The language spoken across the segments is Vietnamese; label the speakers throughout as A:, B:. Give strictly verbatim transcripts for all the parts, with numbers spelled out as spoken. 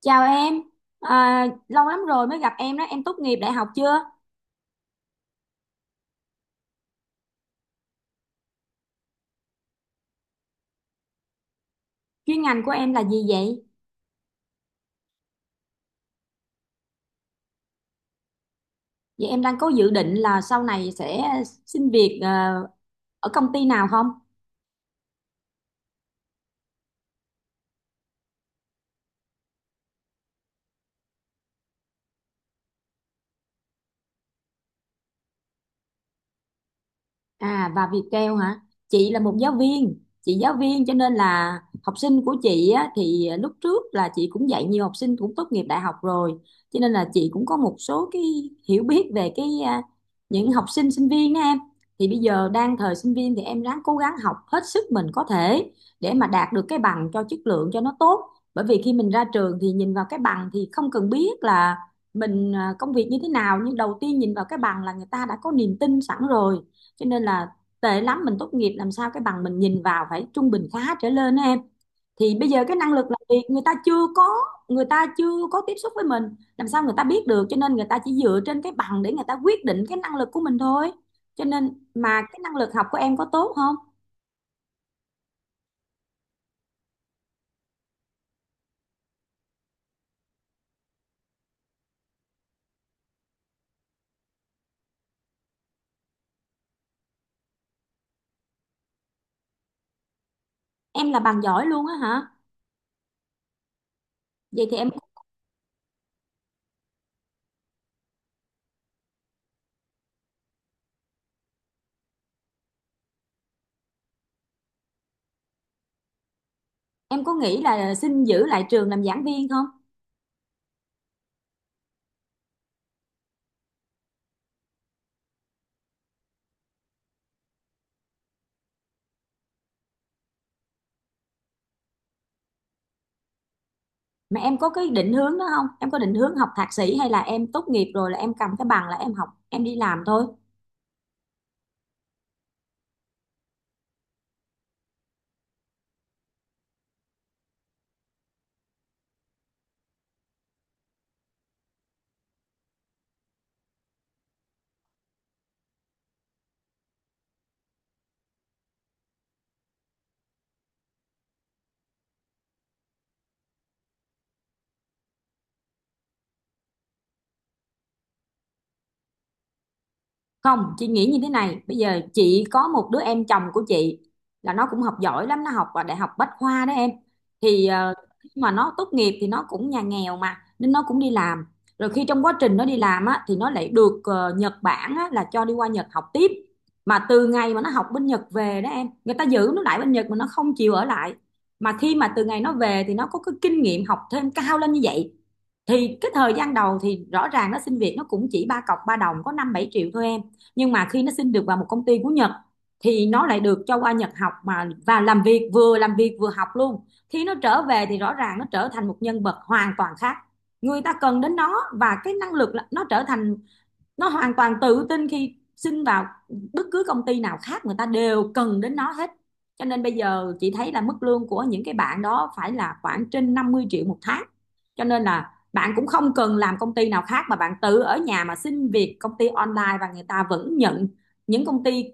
A: Chào em, à, lâu lắm rồi mới gặp em đó, em tốt nghiệp đại học chưa? Chuyên ngành của em là gì vậy? Vậy em đang có dự định là sau này sẽ xin việc ờ, ở công ty nào không? À, và Viettel hả? Chị là một giáo viên, chị giáo viên cho nên là học sinh của chị á, thì lúc trước là chị cũng dạy nhiều học sinh cũng tốt nghiệp đại học rồi, cho nên là chị cũng có một số cái hiểu biết về cái à, những học sinh sinh viên đó em. Thì bây giờ đang thời sinh viên thì em ráng cố gắng học hết sức mình có thể để mà đạt được cái bằng cho chất lượng cho nó tốt. Bởi vì khi mình ra trường thì nhìn vào cái bằng thì không cần biết là mình à, công việc như thế nào, nhưng đầu tiên nhìn vào cái bằng là người ta đã có niềm tin sẵn rồi. Cho nên là tệ lắm mình tốt nghiệp làm sao cái bằng mình nhìn vào phải trung bình khá trở lên á em. Thì bây giờ cái năng lực làm việc người ta chưa có người ta chưa có tiếp xúc với mình, làm sao người ta biết được. Cho nên người ta chỉ dựa trên cái bằng để người ta quyết định cái năng lực của mình thôi. Cho nên mà cái năng lực học của em có tốt không? Em là bằng giỏi luôn á hả? Vậy thì em em có nghĩ là xin giữ lại trường làm giảng viên không? Mà em có cái định hướng đó không? Em có định hướng học thạc sĩ, hay là em tốt nghiệp rồi là em cầm cái bằng là em học em đi làm thôi? Không, chị nghĩ như thế này, bây giờ chị có một đứa em chồng của chị là nó cũng học giỏi lắm, nó học ở đại học Bách Khoa đó em. Thì ờ, khi mà nó tốt nghiệp thì nó cũng nhà nghèo mà nên nó cũng đi làm. Rồi khi trong quá trình nó đi làm á thì nó lại được ờ, Nhật Bản á, là cho đi qua Nhật học tiếp. Mà từ ngày mà nó học bên Nhật về đó em, người ta giữ nó lại bên Nhật mà nó không chịu ở lại. Mà khi mà từ ngày nó về thì nó có cái kinh nghiệm học thêm cao lên như vậy, thì cái thời gian đầu thì rõ ràng nó xin việc nó cũng chỉ ba cọc ba đồng có năm bảy triệu thôi em. Nhưng mà khi nó xin được vào một công ty của Nhật thì nó lại được cho qua Nhật học mà và làm việc, vừa làm việc vừa học luôn. Khi nó trở về thì rõ ràng nó trở thành một nhân vật hoàn toàn khác. Người ta cần đến nó, và cái năng lực là- nó trở thành nó hoàn toàn tự tin khi xin vào bất cứ công ty nào khác người ta đều cần đến nó hết. Cho nên bây giờ chị thấy là mức lương của những cái bạn đó phải là khoảng trên năm mươi triệu một tháng. Cho nên là bạn cũng không cần làm công ty nào khác mà bạn tự ở nhà mà xin việc công ty online và người ta vẫn nhận, những công ty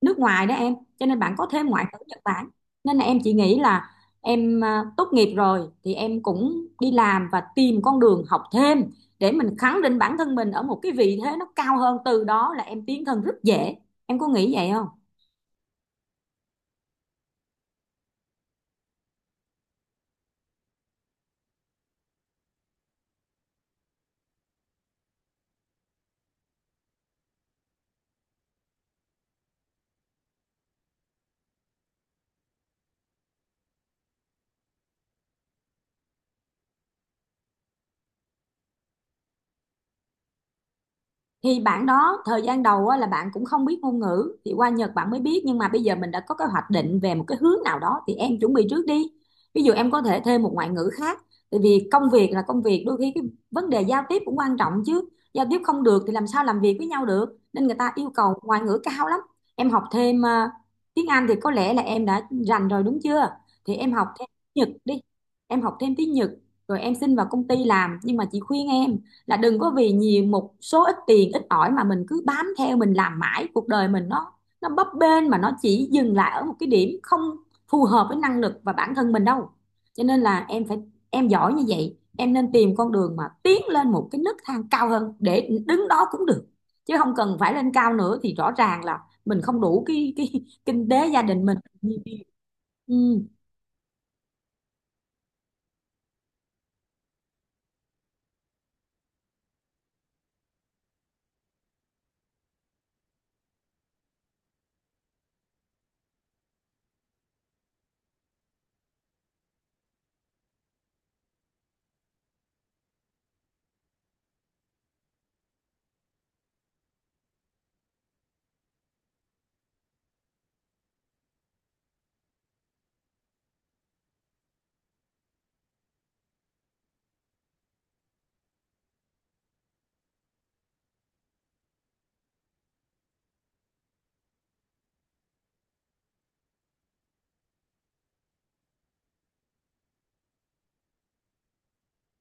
A: nước ngoài đó em, cho nên bạn có thêm ngoại ngữ Nhật Bản. Nên là em chỉ nghĩ là em à, tốt nghiệp rồi thì em cũng đi làm và tìm con đường học thêm để mình khẳng định bản thân mình ở một cái vị thế nó cao hơn, từ đó là em tiến thân rất dễ. Em có nghĩ vậy không? Thì bạn đó thời gian đầu á, là bạn cũng không biết ngôn ngữ thì qua Nhật bạn mới biết, nhưng mà bây giờ mình đã có cái hoạch định về một cái hướng nào đó thì em chuẩn bị trước đi. Ví dụ em có thể thêm một ngoại ngữ khác, tại vì công việc là công việc, đôi khi cái vấn đề giao tiếp cũng quan trọng chứ. Giao tiếp không được thì làm sao làm việc với nhau được. Nên người ta yêu cầu ngoại ngữ cao lắm. Em học thêm à, tiếng Anh thì có lẽ là em đã rành rồi đúng chưa? Thì em học thêm tiếng Nhật đi. Em học thêm tiếng Nhật rồi em xin vào công ty làm, nhưng mà chị khuyên em là đừng có vì nhiều một số ít tiền ít ỏi mà mình cứ bám theo mình làm mãi, cuộc đời mình nó nó bấp bênh mà nó chỉ dừng lại ở một cái điểm không phù hợp với năng lực và bản thân mình đâu. Cho nên là em phải em giỏi như vậy em nên tìm con đường mà tiến lên một cái nấc thang cao hơn để đứng đó cũng được, chứ không cần phải lên cao nữa, thì rõ ràng là mình không đủ cái cái kinh tế gia đình mình. Ừ.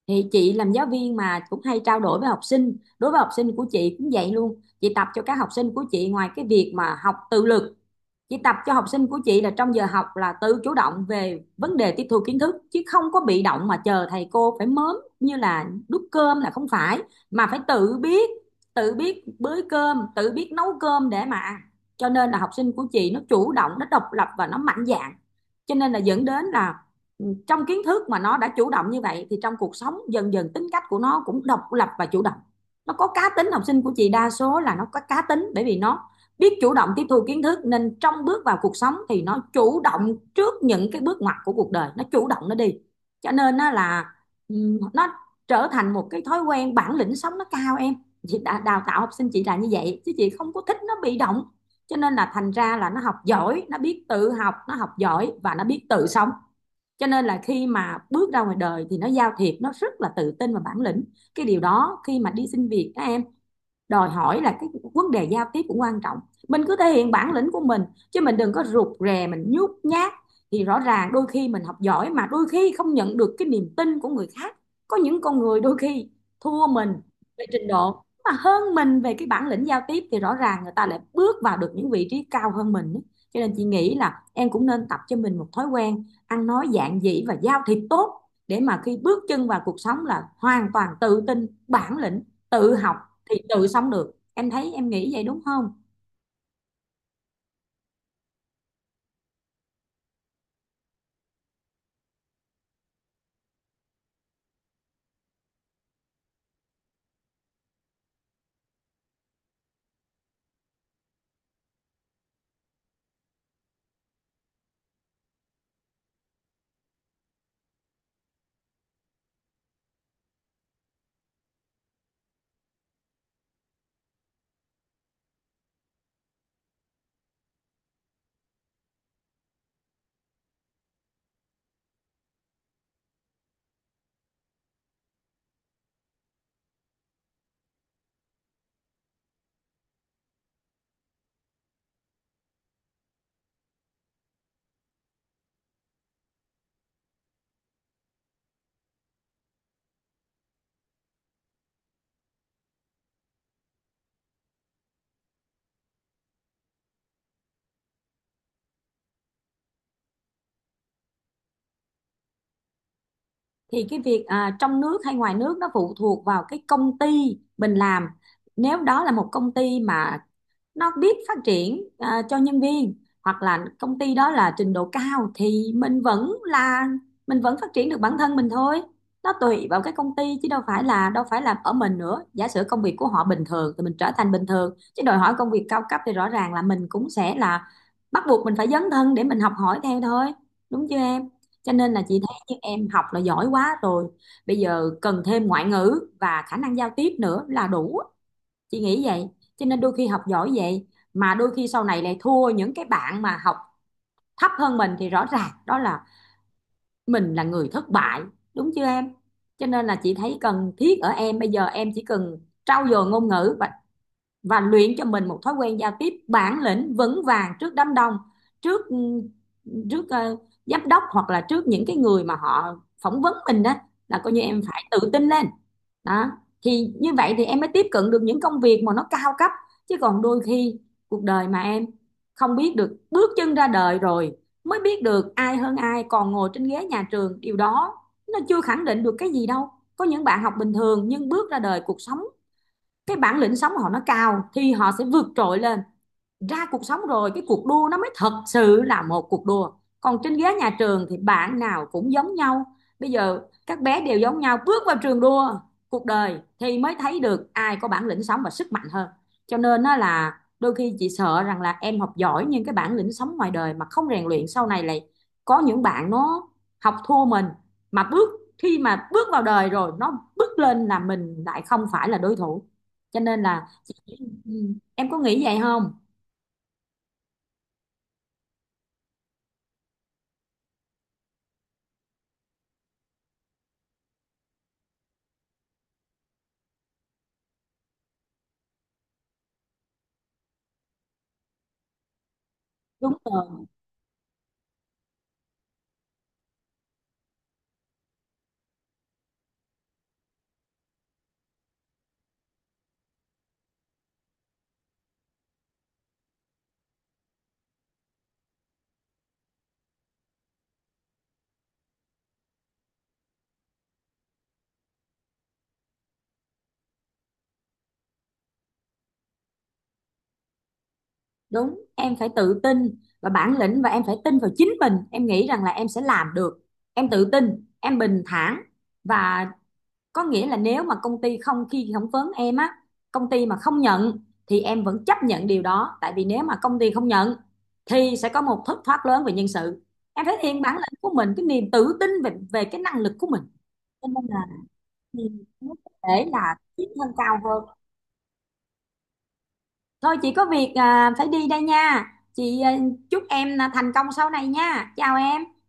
A: Thì chị làm giáo viên mà cũng hay trao đổi với học sinh, đối với học sinh của chị cũng vậy luôn. Chị tập cho các học sinh của chị, ngoài cái việc mà học tự lực, chị tập cho học sinh của chị là trong giờ học là tự chủ động về vấn đề tiếp thu kiến thức chứ không có bị động mà chờ thầy cô phải mớm như là đút cơm là không phải, mà phải tự biết, tự biết bới cơm tự biết nấu cơm để mà ăn. Cho nên là học sinh của chị nó chủ động, nó độc lập và nó mạnh dạn. Cho nên là dẫn đến là trong kiến thức mà nó đã chủ động như vậy thì trong cuộc sống dần dần tính cách của nó cũng độc lập và chủ động, nó có cá tính. Học sinh của chị đa số là nó có cá tính bởi vì nó biết chủ động tiếp thu kiến thức, nên trong bước vào cuộc sống thì nó chủ động trước những cái bước ngoặt của cuộc đời, nó chủ động nó đi. Cho nên nó là nó trở thành một cái thói quen, bản lĩnh sống nó cao em. Chị đào tạo học sinh chị là như vậy, chứ chị không có thích nó bị động. Cho nên là thành ra là nó học giỏi, nó biết tự học, nó học giỏi và nó biết tự sống. Cho nên là khi mà bước ra ngoài đời thì nó giao thiệp nó rất là tự tin và bản lĩnh. Cái điều đó khi mà đi xin việc các em, đòi hỏi là cái vấn đề giao tiếp cũng quan trọng. Mình cứ thể hiện bản lĩnh của mình, chứ mình đừng có rụt rè mình nhút nhát, thì rõ ràng đôi khi mình học giỏi mà đôi khi không nhận được cái niềm tin của người khác. Có những con người đôi khi thua mình về trình độ mà hơn mình về cái bản lĩnh giao tiếp thì rõ ràng người ta lại bước vào được những vị trí cao hơn mình. Cho nên chị nghĩ là em cũng nên tập cho mình một thói quen ăn nói giản dị và giao thiệp tốt, để mà khi bước chân vào cuộc sống là hoàn toàn tự tin bản lĩnh, tự học thì tự sống được. Em thấy em nghĩ vậy đúng không? Thì cái việc à, trong nước hay ngoài nước nó phụ thuộc vào cái công ty mình làm. Nếu đó là một công ty mà nó biết phát triển à, cho nhân viên, hoặc là công ty đó là trình độ cao, thì mình vẫn là mình vẫn phát triển được bản thân mình thôi. Nó tùy vào cái công ty chứ đâu phải là đâu phải là ở mình nữa. Giả sử công việc của họ bình thường thì mình trở thành bình thường, chứ đòi hỏi công việc cao cấp thì rõ ràng là mình cũng sẽ là bắt buộc mình phải dấn thân để mình học hỏi theo thôi, đúng chưa em? Cho nên là chị nhưng em học là giỏi quá rồi, bây giờ cần thêm ngoại ngữ và khả năng giao tiếp nữa là đủ. Chị nghĩ vậy. Cho nên đôi khi học giỏi vậy mà đôi khi sau này lại thua những cái bạn mà học thấp hơn mình, thì rõ ràng đó là mình là người thất bại, đúng chưa em? Cho nên là chị thấy cần thiết ở em bây giờ, em chỉ cần trau dồi ngôn ngữ và và luyện cho mình một thói quen giao tiếp bản lĩnh vững vàng trước đám đông, trước trước ờ, giám đốc hoặc là trước những cái người mà họ phỏng vấn mình đó, là coi như em phải tự tin lên đó. Thì như vậy thì em mới tiếp cận được những công việc mà nó cao cấp, chứ còn đôi khi cuộc đời mà em không biết được, bước chân ra đời rồi mới biết được ai hơn ai. Còn ngồi trên ghế nhà trường điều đó nó chưa khẳng định được cái gì đâu. Có những bạn học bình thường nhưng bước ra đời cuộc sống, cái bản lĩnh sống của họ nó cao thì họ sẽ vượt trội lên. Ra cuộc sống rồi cái cuộc đua nó mới thật sự là một cuộc đua, còn trên ghế nhà trường thì bạn nào cũng giống nhau. Bây giờ các bé đều giống nhau, bước vào trường đua cuộc đời thì mới thấy được ai có bản lĩnh sống và sức mạnh hơn. Cho nên nó là đôi khi chị sợ rằng là em học giỏi nhưng cái bản lĩnh sống ngoài đời mà không rèn luyện, sau này lại có những bạn nó học thua mình, mà bước khi mà bước vào đời rồi nó bước lên là mình lại không phải là đối thủ. Cho nên là chị, ừ, em có nghĩ vậy không? Đúng rồi, đúng. Em phải tự tin và bản lĩnh, và em phải tin vào chính mình. Em nghĩ rằng là em sẽ làm được. Em tự tin, em bình thản, và có nghĩa là nếu mà công ty không khi phỏng vấn em á, công ty mà không nhận thì em vẫn chấp nhận điều đó. Tại vì nếu mà công ty không nhận thì sẽ có một thất thoát lớn về nhân sự. Em thể hiện bản lĩnh của mình, cái niềm tự tin về về cái năng lực của mình. Cho nên là, thì nó có thể là tiến thân cao hơn. Thôi chị có việc à, phải đi đây nha. Chị à, chúc em là thành công sau này nha. Chào em.